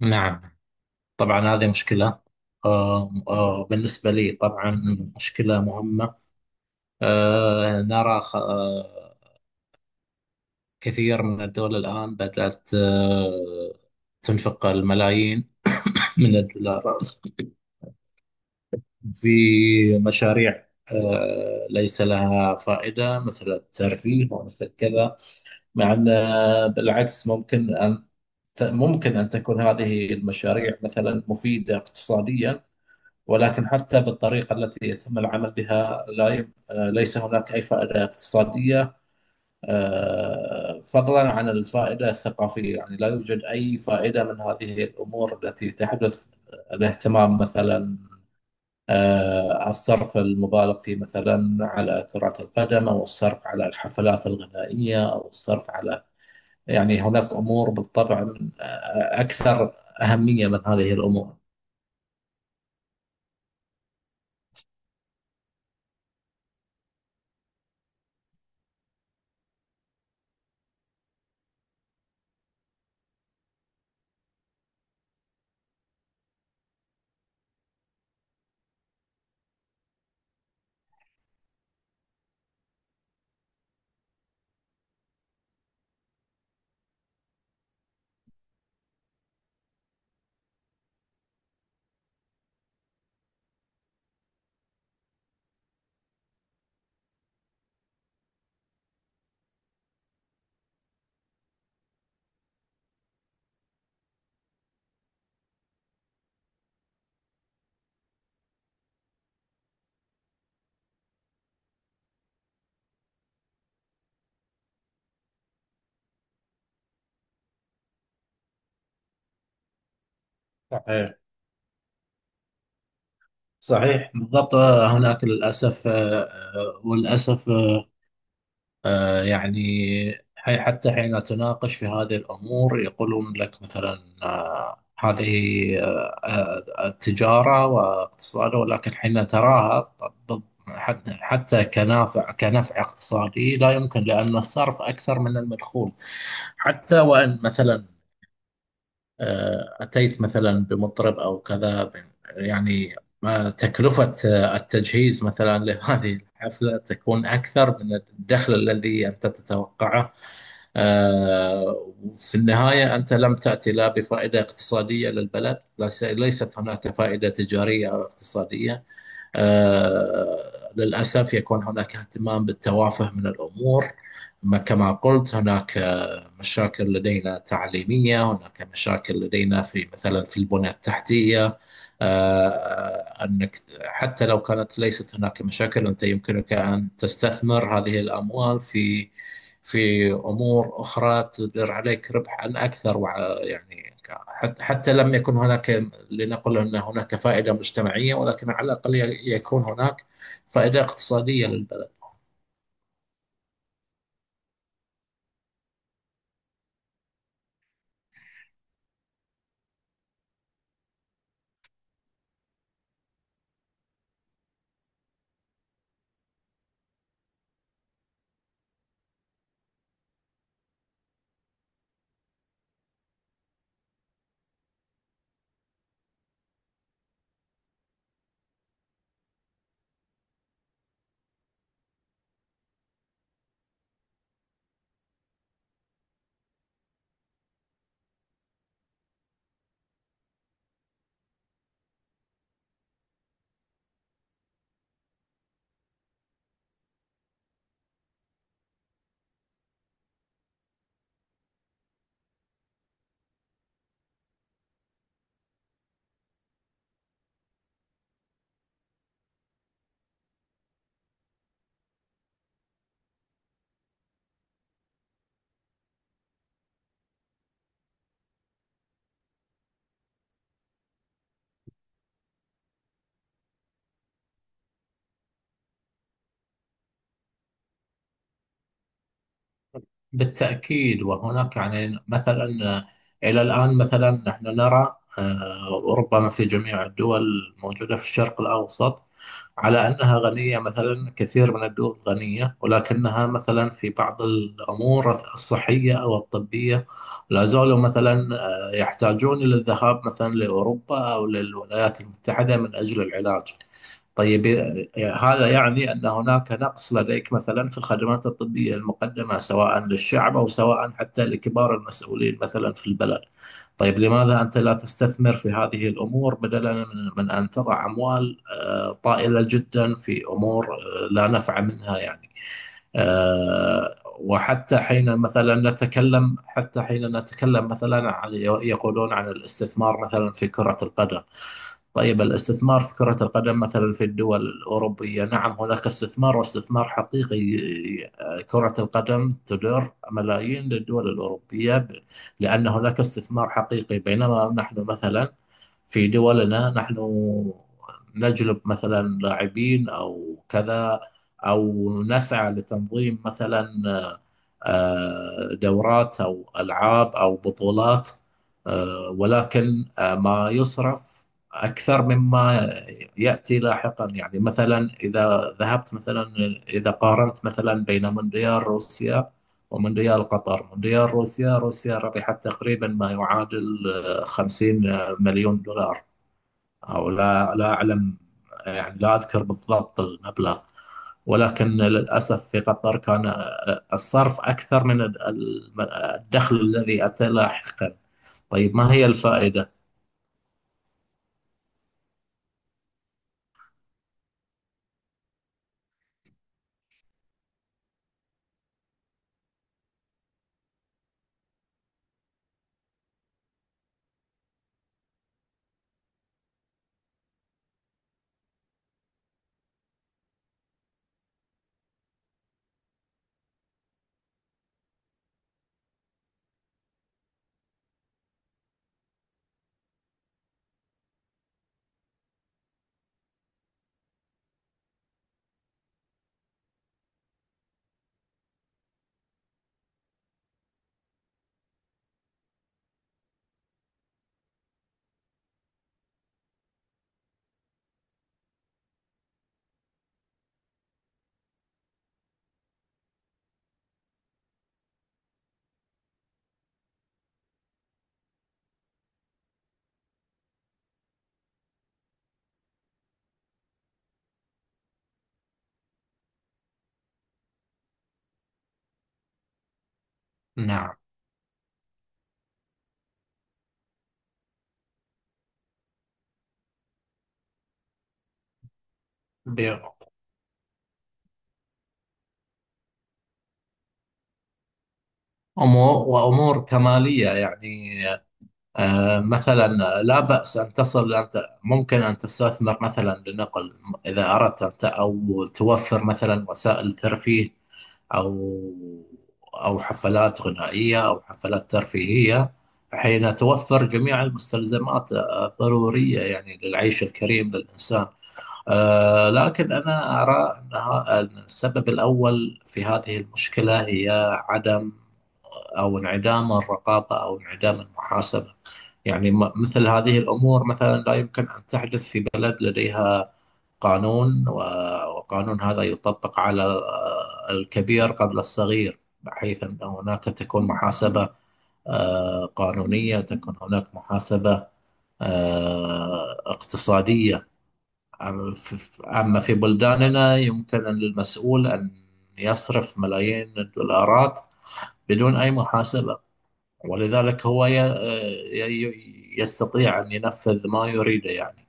نعم. طبعا هذه مشكلة. بالنسبة لي طبعا مشكلة مهمة. نرى كثير من الدول الآن بدأت تنفق الملايين من الدولارات في مشاريع ليس لها فائدة، مثل الترفيه ومثل كذا، مع أن بالعكس ممكن أن، ممكن أن تكون هذه المشاريع مثلا مفيدة اقتصاديا، ولكن حتى بالطريقة التي يتم العمل بها لا يم... آه، ليس هناك أي فائدة اقتصادية، فضلا عن الفائدة الثقافية، يعني لا يوجد أي فائدة من هذه الأمور التي تحدث. الاهتمام مثلا الصرف المبالغ فيه مثلا على كرة القدم، أو الصرف على الحفلات الغنائية، أو الصرف على، يعني هناك أمور بالطبع أكثر أهمية من هذه الأمور. صح، صحيح بالضبط. هناك للأسف وللأسف يعني حتى حين تناقش في هذه الأمور يقولون لك مثلا هذه التجارة واقتصاد، ولكن حين تراها حتى كنفع اقتصادي لا يمكن، لأن الصرف أكثر من المدخول. حتى وإن مثلا أتيت مثلا بمطرب أو كذا، يعني ما تكلفة التجهيز مثلا لهذه الحفلة تكون أكثر من الدخل الذي أنت تتوقعه. آه، وفي النهاية أنت لم تأتي لا بفائدة اقتصادية للبلد، ليست هناك فائدة تجارية أو اقتصادية. آه، للأسف يكون هناك اهتمام بالتوافه من الأمور. كما قلت هناك مشاكل لدينا تعليمية، هناك مشاكل لدينا في مثلا في البنية التحتية. أنك حتى لو كانت ليست هناك مشاكل، أنت يمكنك أن تستثمر هذه الأموال في أمور أخرى تدر عليك ربحا أكثر، يعني حتى لم يكن هناك، لنقل أن هناك فائدة مجتمعية، ولكن على الأقل يكون هناك فائدة اقتصادية للبلد. بالتأكيد. وهناك يعني مثلا إلى الآن مثلا نحن نرى وربما في جميع الدول الموجودة في الشرق الأوسط على أنها غنية، مثلا كثير من الدول غنية ولكنها مثلا في بعض الأمور الصحية أو الطبية لا زالوا مثلا يحتاجون إلى الذهاب مثلا لأوروبا أو للولايات المتحدة من أجل العلاج. طيب. هذا يعني أن هناك نقص لديك مثلا في الخدمات الطبية المقدمة، سواء للشعب أو سواء حتى لكبار المسؤولين مثلا في البلد. طيب، لماذا أنت لا تستثمر في هذه الأمور بدلا من أن تضع أموال طائلة جدا في أمور لا نفع منها، يعني وحتى حين مثلا نتكلم حتى حين نتكلم مثلا عن، يقولون عن الاستثمار مثلا في كرة القدم. طيب، الاستثمار في كرة القدم مثلا في الدول الأوروبية، نعم هناك استثمار واستثمار حقيقي. كرة القدم تدر ملايين للدول الأوروبية، لأن هناك استثمار حقيقي، بينما نحن مثلا في دولنا نحن نجلب مثلا لاعبين أو كذا، أو نسعى لتنظيم مثلا دورات أو ألعاب أو بطولات. ولكن ما يصرف أكثر مما يأتي لاحقا. يعني مثلا إذا ذهبت مثلا، إذا قارنت مثلا بين مونديال روسيا ومونديال قطر، مونديال روسيا، روسيا ربحت تقريبا ما يعادل 50 مليون دولار، أو لا أعلم، يعني لا أذكر بالضبط المبلغ. ولكن للأسف في قطر كان الصرف أكثر من الدخل الذي أتى لاحقا. طيب، ما هي الفائدة؟ نعم. ب- أمو- وأمور كمالية، يعني مثلا لا بأس، أن تصل أنت، ممكن أن تستثمر مثلا، لنقل إذا أردت أنت، أو توفر مثلا وسائل ترفيه، أو أو حفلات غنائية أو حفلات ترفيهية حين توفر جميع المستلزمات الضرورية يعني للعيش الكريم للإنسان. لكن أنا أرى أنها أن السبب الأول في هذه المشكلة هي عدم، أو انعدام الرقابة، أو انعدام المحاسبة. يعني مثل هذه الأمور مثلا لا يمكن أن تحدث في بلد لديها قانون، وقانون هذا يطبق على الكبير قبل الصغير، بحيث أن هناك تكون محاسبة قانونية، تكون هناك محاسبة اقتصادية. أما في بلداننا يمكن للمسؤول أن يصرف ملايين الدولارات بدون أي محاسبة، ولذلك هو يستطيع أن ينفذ ما يريده، يعني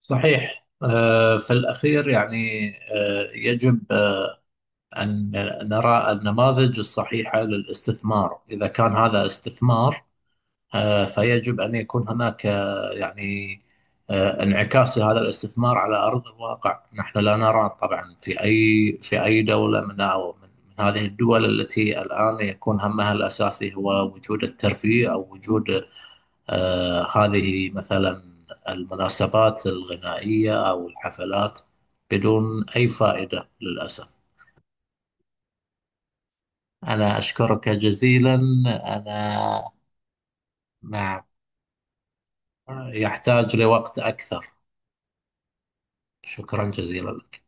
صحيح. في الأخير يعني يجب أن نرى النماذج الصحيحة للاستثمار. إذا كان هذا استثمار فيجب أن يكون هناك يعني انعكاس لهذا الاستثمار على أرض الواقع. نحن لا نرى طبعا في أي دولة من أو من من هذه الدول التي الآن يكون همها الأساسي هو وجود الترفيه، أو وجود هذه مثلا المناسبات الغنائية أو الحفلات، بدون أي فائدة للأسف. أنا أشكرك جزيلا. أنا، نعم، يحتاج لوقت أكثر. شكرا جزيلا لك.